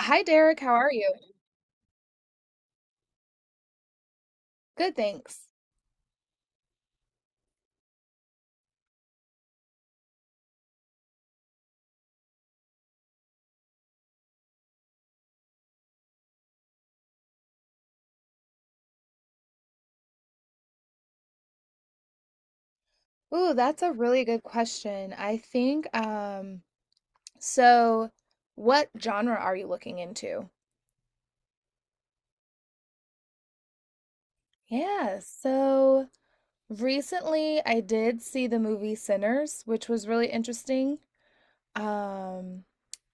Hi, Derek. How are you? Good, thanks. Ooh, that's a really good question. I think, so What genre are you looking into? Yeah, so Recently I did see the movie Sinners, which was really interesting. Um,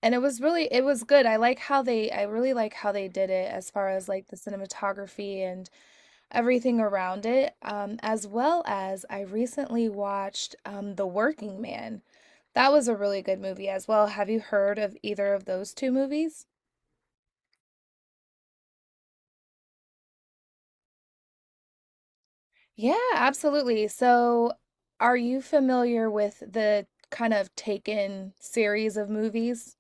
and it was really, It was good. I really like how they did it as far as like the cinematography everything around it, as well as I recently watched The Working Man. That was a really good movie as well. Have you heard of either of those two movies? Yeah, absolutely. So, are you familiar with the kind of Taken series of movies?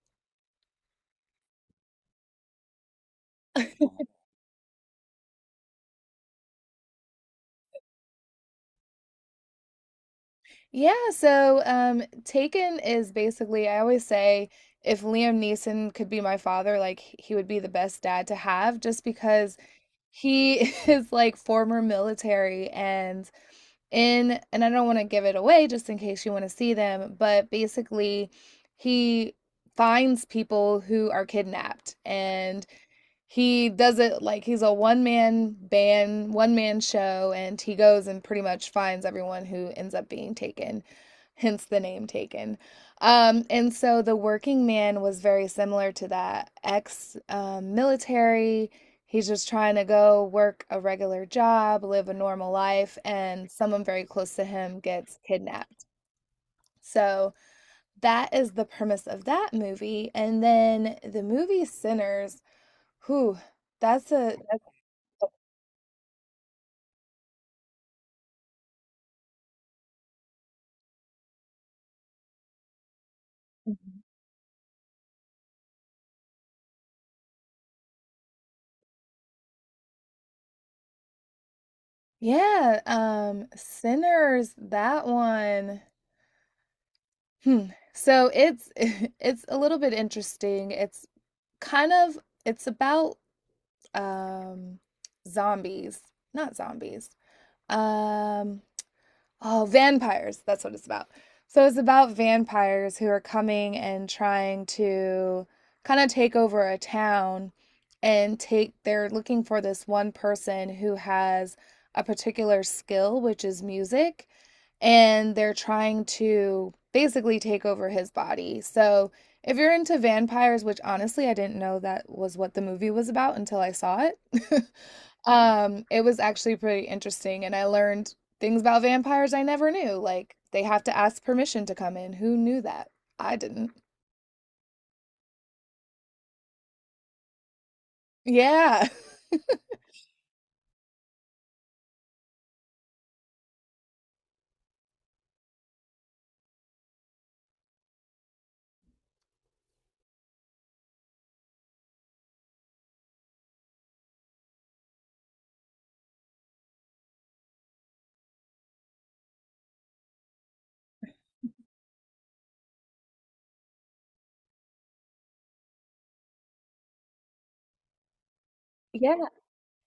Taken is basically, I always say, if Liam Neeson could be my father, like he would be the best dad to have, just because he is like former military and I don't want to give it away just in case you want to see them, but basically he finds people who are kidnapped, and he does it like he's a one man band, one man show, and he goes and pretty much finds everyone who ends up being taken, hence the name Taken. And so the working man was very similar to that ex military. He's just trying to go work a regular job, live a normal life, and someone very close to him gets kidnapped. So that is the premise of that movie. And then the movie Sinners, whew, that's a Mhm. Yeah, Sinners, that one. Hmm. So it's it's a little bit interesting. It's kind of it's about um zombies, not zombies. Um, oh, vampires. That's what it's about. So it's about vampires who are coming and trying to kind of take over a town and take, they're looking for this one person who has a particular skill, which is music, and they're trying to basically take over his body. So if you're into vampires, which honestly I didn't know that was what the movie was about until I saw it. It was actually pretty interesting, and I learned things about vampires I never knew, like they have to ask permission to come in. Who knew that? I didn't. Yeah. Yeah.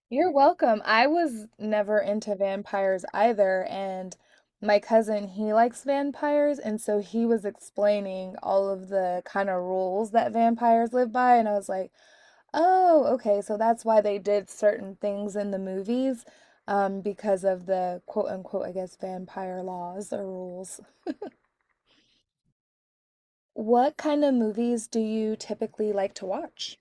You're welcome. I was never into vampires either, and my cousin, he likes vampires, and so he was explaining all of the kind of rules that vampires live by, and I was like, "Oh, okay, so that's why they did certain things in the movies, because of the quote unquote, I guess, vampire laws or rules." What kind of movies do you typically like to watch?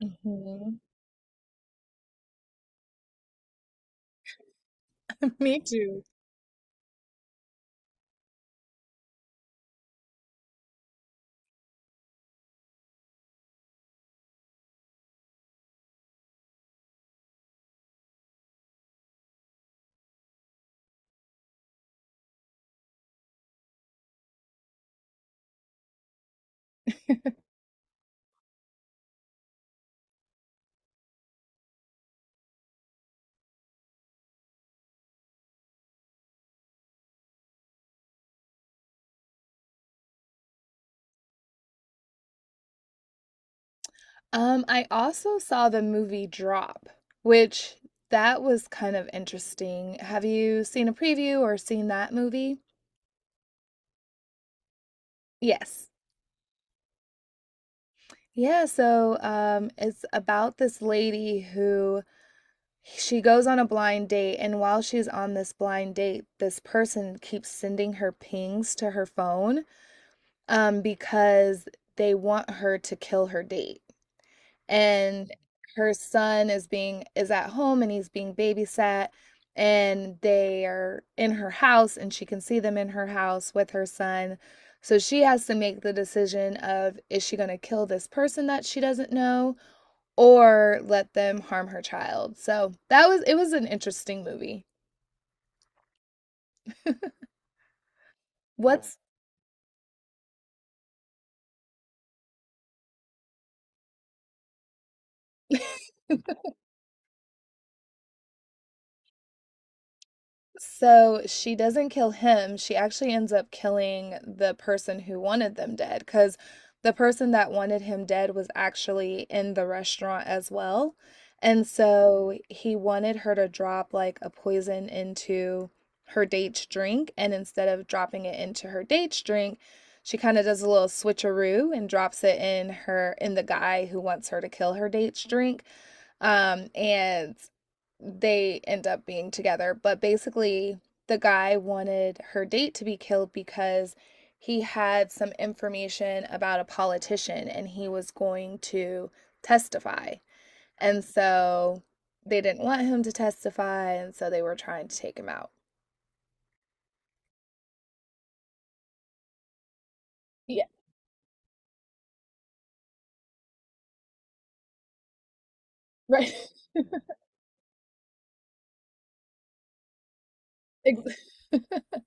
Mhm. Me too. I also saw the movie Drop, which that was kind of interesting. Have you seen a preview or seen that movie? Yes. It's about this lady who she goes on a blind date, and while she's on this blind date, this person keeps sending her pings to her phone because they want her to kill her date. And her son is at home and he's being babysat, and they are in her house, and she can see them in her house with her son. So she has to make the decision of, is she going to kill this person that she doesn't know or let them harm her child? So that was it was an interesting movie. What's So she doesn't kill him. She actually ends up killing the person who wanted them dead, because the person that wanted him dead was actually in the restaurant as well. And so he wanted her to drop like a poison into her date's drink. And instead of dropping it into her date's drink, she kind of does a little switcheroo and drops it in her in the guy who wants her to kill her date's drink. And they end up being together. But basically, the guy wanted her date to be killed because he had some information about a politician and he was going to testify. And so they didn't want him to testify, and so they were trying to take him out. Yeah, right.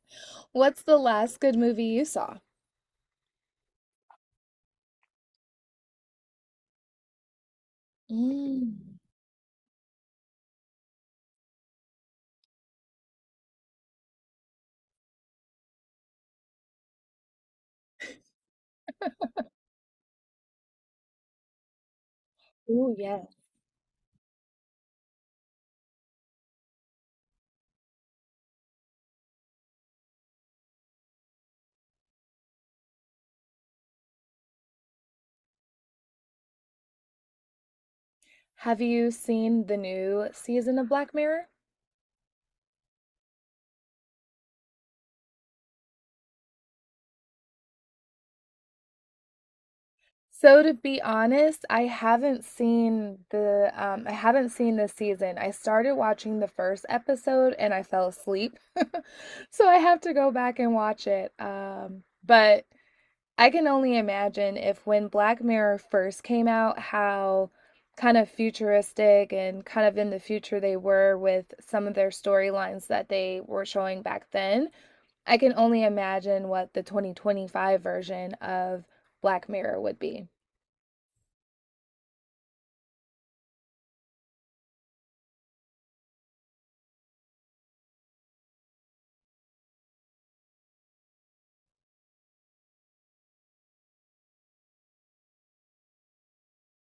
What's the last good movie you saw? Mm. Oh, yeah. Have you seen the new season of Black Mirror? So to be honest, I haven't seen this season. I started watching the first episode and I fell asleep. So I have to go back and watch it. Um, but I can only imagine if when Black Mirror first came out how kind of futuristic and kind of in the future they were with some of their storylines that they were showing back then. I can only imagine what the 2025 version of Black Mirror would be.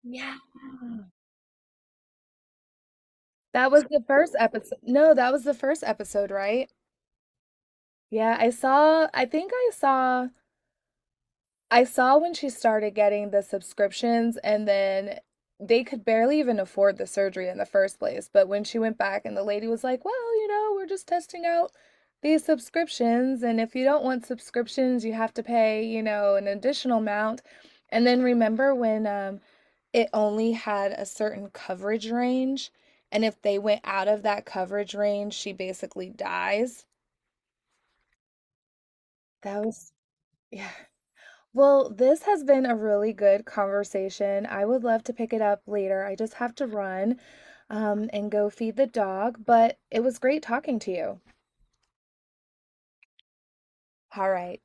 Yeah. That was the first episode. No, that was the first episode, right? Yeah, I saw I think I saw when she started getting the subscriptions, and then they could barely even afford the surgery in the first place. But when she went back, and the lady was like, "Well, you know, we're just testing out these subscriptions. And if you don't want subscriptions, you have to pay, you know, an additional amount." And then remember when it only had a certain coverage range. And if they went out of that coverage range, she basically dies. That was, yeah. Well, this has been a really good conversation. I would love to pick it up later. I just have to run, and go feed the dog, but it was great talking to you. All right.